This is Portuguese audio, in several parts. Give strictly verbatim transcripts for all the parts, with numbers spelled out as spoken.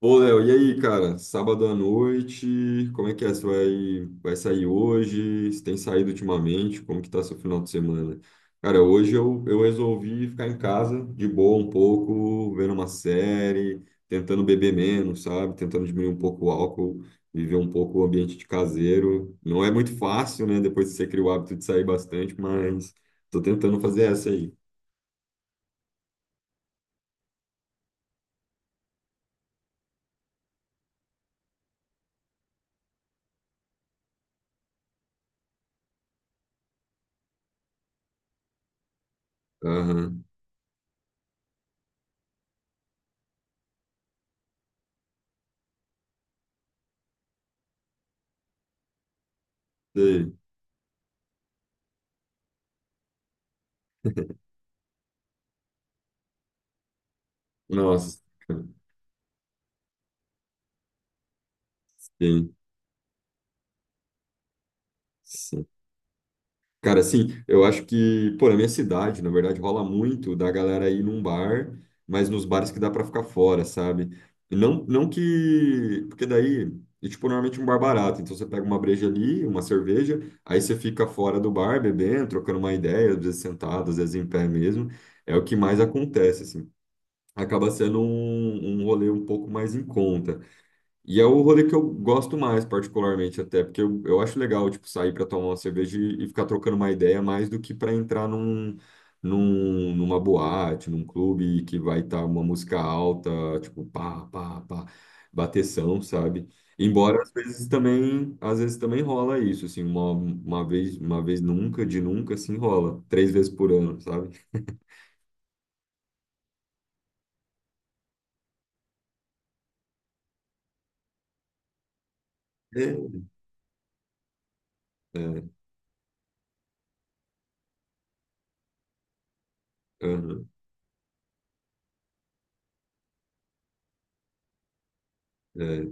Ô, Léo, e aí, cara? Sábado à noite, como é que é? Você vai, vai sair hoje? Você tem saído ultimamente? Como que tá seu final de semana? Cara, hoje eu, eu resolvi ficar em casa, de boa um pouco, vendo uma série, tentando beber menos, sabe? Tentando diminuir um pouco o álcool, viver um pouco o ambiente de caseiro. Não é muito fácil, né? Depois que você cria o hábito de sair bastante, mas tô tentando fazer essa aí. Aham, sei. Nossa, sim. Cara, assim, eu acho que, pô, na minha cidade, na verdade, rola muito da galera ir num bar, mas nos bares que dá pra ficar fora, sabe? E não, não que. Porque daí, e, tipo, normalmente um bar barato. Então você pega uma breja ali, uma cerveja, aí você fica fora do bar bebendo, trocando uma ideia, às vezes sentado, às vezes em pé mesmo. É o que mais acontece, assim. Acaba sendo um, um rolê um pouco mais em conta. E é o rolê que eu gosto mais, particularmente, até, porque eu, eu acho legal, tipo, sair para tomar uma cerveja e, e ficar trocando uma ideia mais do que para entrar num, num, numa boate, num clube que vai estar uma música alta, tipo, pá, pá, pá, bateção, sabe? Embora às vezes também, às vezes também rola isso, assim, uma, uma vez, uma vez nunca, de nunca, assim, rola, três vezes por ano, sabe? É, é, aham, é.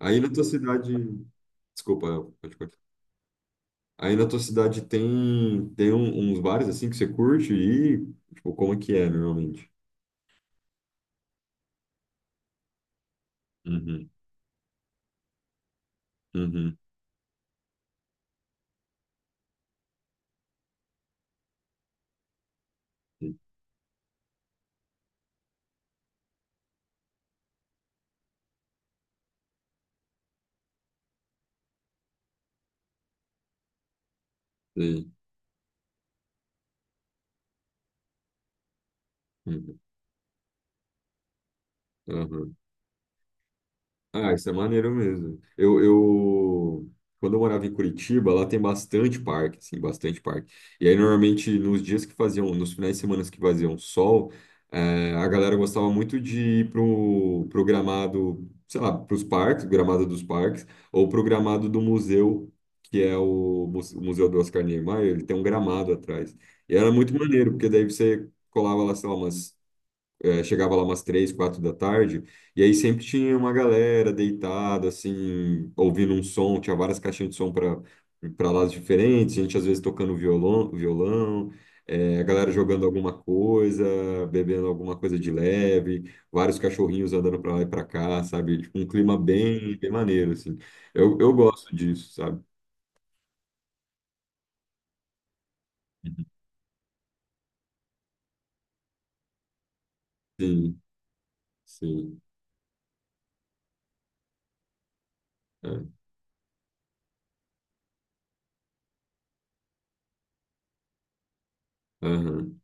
Aí na tua cidade, desculpa, pode continuar. Aí na tua cidade tem, tem, um- uns bares assim que você curte e, tipo, como é que é normalmente? Uhum, uhum, sei, uhum, aham. Ah, isso é maneiro mesmo. Eu, eu, quando eu morava em Curitiba, lá tem bastante parque, assim, bastante parque. E aí, normalmente, nos dias que faziam, nos finais de semana que faziam sol, eh, a galera gostava muito de ir pro, pro gramado, sei lá, pros parques, gramado dos parques, ou pro gramado do museu, que é o, muse- o Museu do Oscar Niemeyer, ele tem um gramado atrás. E era muito maneiro, porque daí você colava lá, sei lá, umas eh, chegava lá umas três, quatro da tarde, e aí sempre tinha uma galera deitada, assim, ouvindo um som, tinha várias caixinhas de som para para lados diferentes, gente às vezes tocando violão, violão, eh, a galera jogando alguma coisa, bebendo alguma coisa de leve, vários cachorrinhos andando para lá e para cá, sabe? Tipo, um clima bem, bem maneiro, assim. Eu, eu gosto disso, sabe? Sim, sim. É, aham.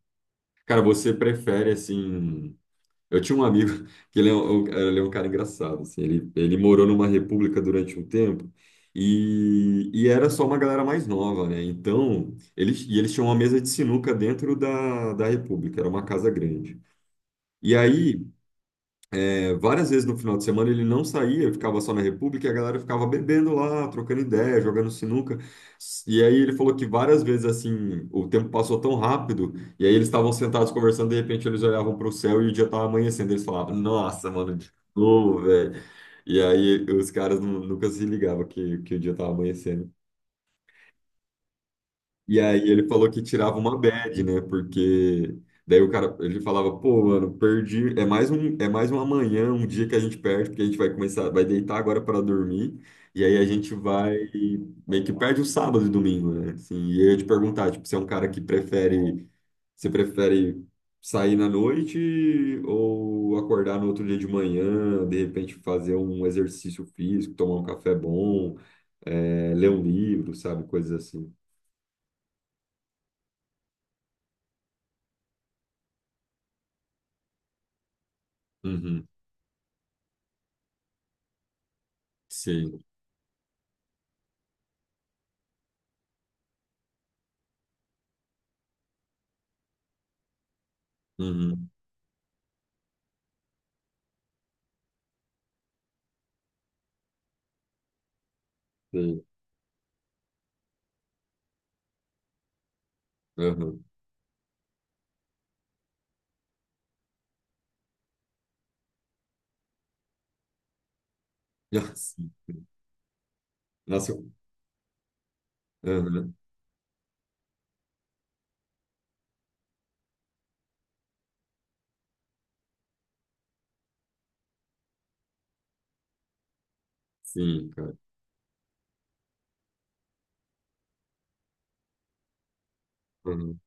Cara, você prefere assim. Eu tinha um amigo que ele é um, um, eh, ele é um cara engraçado, assim, ele, ele morou numa república durante um tempo e, e era só uma galera mais nova, né? Então, eles, e eles tinham uma mesa de sinuca dentro da, da república, era uma casa grande. E aí, é, várias vezes no final de semana ele não saía, ficava só na República e a galera ficava bebendo lá, trocando ideia, jogando sinuca. E aí ele falou que várias vezes assim, o tempo passou tão rápido, e aí eles estavam sentados conversando, de repente eles olhavam para o céu e o dia estava amanhecendo. Eles falavam, nossa, mano, de novo, velho. E aí os caras nu- nunca se ligavam que, que o dia estava amanhecendo. E aí ele falou que tirava uma bad, né? Porque daí o cara, ele falava, pô, mano, perdi, é mais um, é mais um amanhã, um dia que a gente perde, porque a gente vai começar, vai deitar agora para dormir, e aí a gente vai meio que perde o sábado e domingo, né? Assim, e eu ia te perguntar, tipo, você é um cara que prefere, você prefere sair na noite ou acordar no outro dia de manhã, de repente fazer um exercício físico, tomar um café bom, eh, ler um livro, sabe? Coisas assim. Uhum. Sim. Uhum. Sim. Uhum. Nossa, sim. Nossa, eu- uhum. Sim, cara. Uhum.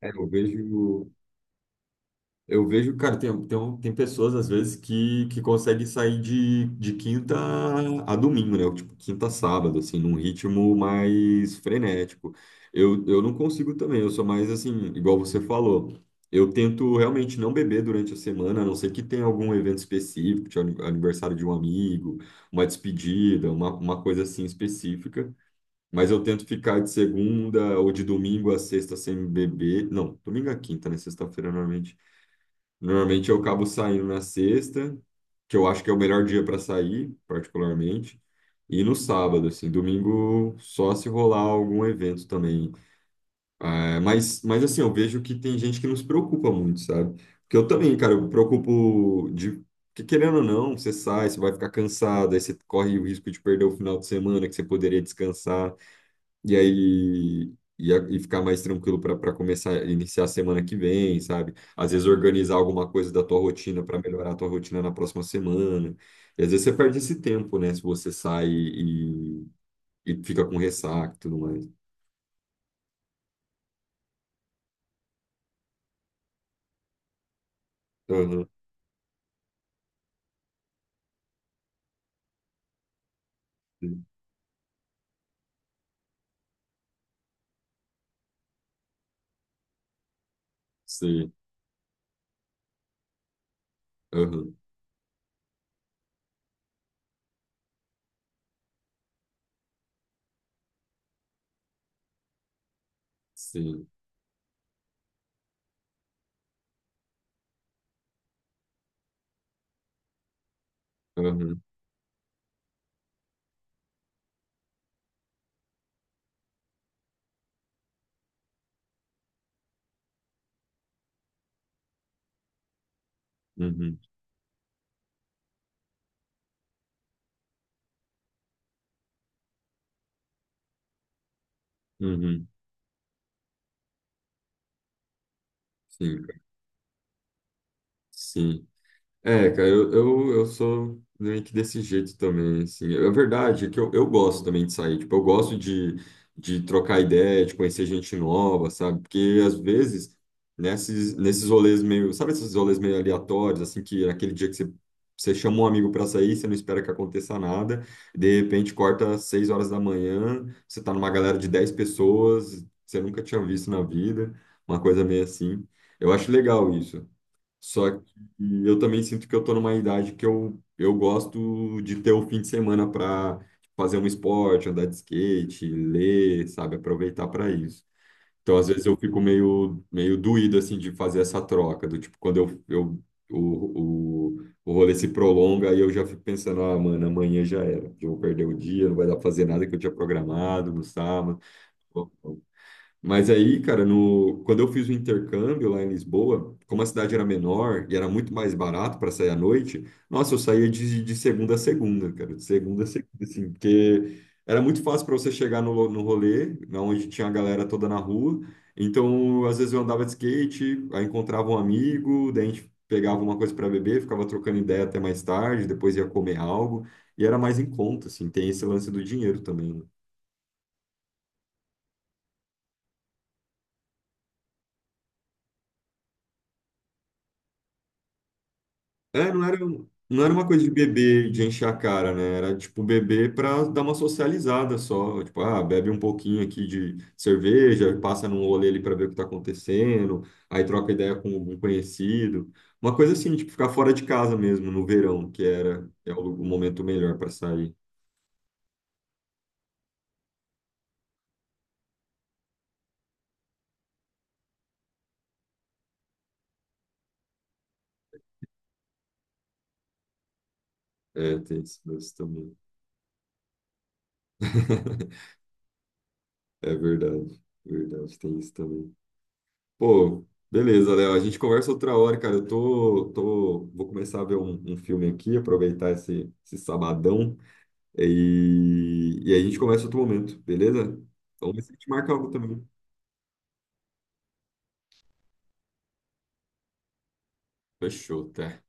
É, eu vejo. Eu vejo, cara, tem, tem, um- tem pessoas às vezes que, que conseguem sair de, de quinta a domingo, né? Tipo, quinta a sábado, assim, num ritmo mais frenético. Eu, eu não consigo também, eu sou mais assim, igual você falou. Eu tento realmente não beber durante a semana, a não ser que tenha algum evento específico, tipo ani- aniversário de um amigo, uma despedida, uma, uma coisa assim específica. Mas eu tento ficar de segunda ou de domingo a sexta sem beber. Não, domingo a quinta, né? Sexta-feira normalmente. Normalmente eu acabo saindo na sexta, que eu acho que é o melhor dia para sair, particularmente, e no sábado, assim, domingo só se rolar algum evento também. Ah, mas, mas assim, eu vejo que tem gente que não se preocupa muito, sabe? Porque eu também, cara, eu me preocupo de que querendo ou não, você sai, você vai ficar cansado, aí você corre o risco de perder o final de semana que você poderia descansar. E aí. E, a- e ficar mais tranquilo para começar, iniciar a semana que vem, sabe? Às vezes organizar alguma coisa da tua rotina para melhorar a tua rotina na próxima semana. E às vezes você perde esse tempo, né? Se você sai e, e fica com ressaca e tudo mais. Aham, sim, sim, aham, sim, aham, uhum, uhum, sim, cara, sim. É, cara, eu, eu, eu sou meio que desse jeito também, assim. A verdade é que eu, eu gosto também de sair, tipo, eu gosto de, de trocar ideia, de conhecer gente nova, sabe? Porque às vezes, nesses, nesses rolês meio, sabe esses rolês meio aleatórios, assim, que naquele dia que você, você chama um amigo pra sair, você não espera que aconteça nada, de repente corta às seis horas da manhã, você tá numa galera de dez pessoas, que você nunca tinha visto na vida, uma coisa meio assim. Eu acho legal isso. Só que eu também sinto que eu tô numa idade que eu, eu gosto de ter o fim de semana para fazer um esporte, andar de skate, ler, sabe? Aproveitar para isso. Então, às vezes, eu fico meio, meio doído, assim, de fazer essa troca, do tipo, quando eu, eu, o, o, o rolê se prolonga, aí eu já fico pensando, ah, mano, amanhã já era, eu vou perder o dia, não vai dar pra fazer nada que eu tinha programado no sábado. Mas aí, cara, no, quando eu fiz o intercâmbio lá em Lisboa, como a cidade era menor e era muito mais barato para sair à noite, nossa, eu saía de, de segunda a segunda, cara, de segunda a segunda, assim, porque era muito fácil para você chegar no, lo- no rolê, na onde tinha a galera toda na rua. Então, às vezes eu andava de skate, aí encontrava um amigo, daí a gente pegava uma coisa para beber, ficava trocando ideia até mais tarde, depois ia comer algo, e era mais em conta, assim, tem esse lance do dinheiro também, né? É, não era, não era uma coisa de beber, de encher a cara, né? Era tipo beber para dar uma socializada só. Tipo, ah, bebe um pouquinho aqui de cerveja, passa num rolê ali para ver o que tá acontecendo, aí troca ideia com algum conhecido. Uma coisa assim, tipo, ficar fora de casa mesmo no verão, que era é o o momento melhor para sair. É, tem isso, isso também. É verdade, verdade, tem isso também. Pô, beleza, Léo. A gente conversa outra hora, cara. Eu tô, tô, vou começar a ver um, um filme aqui, aproveitar esse, esse sabadão e, e aí a gente começa outro momento, beleza? Então, a gente marca algo também. Fechou, tá?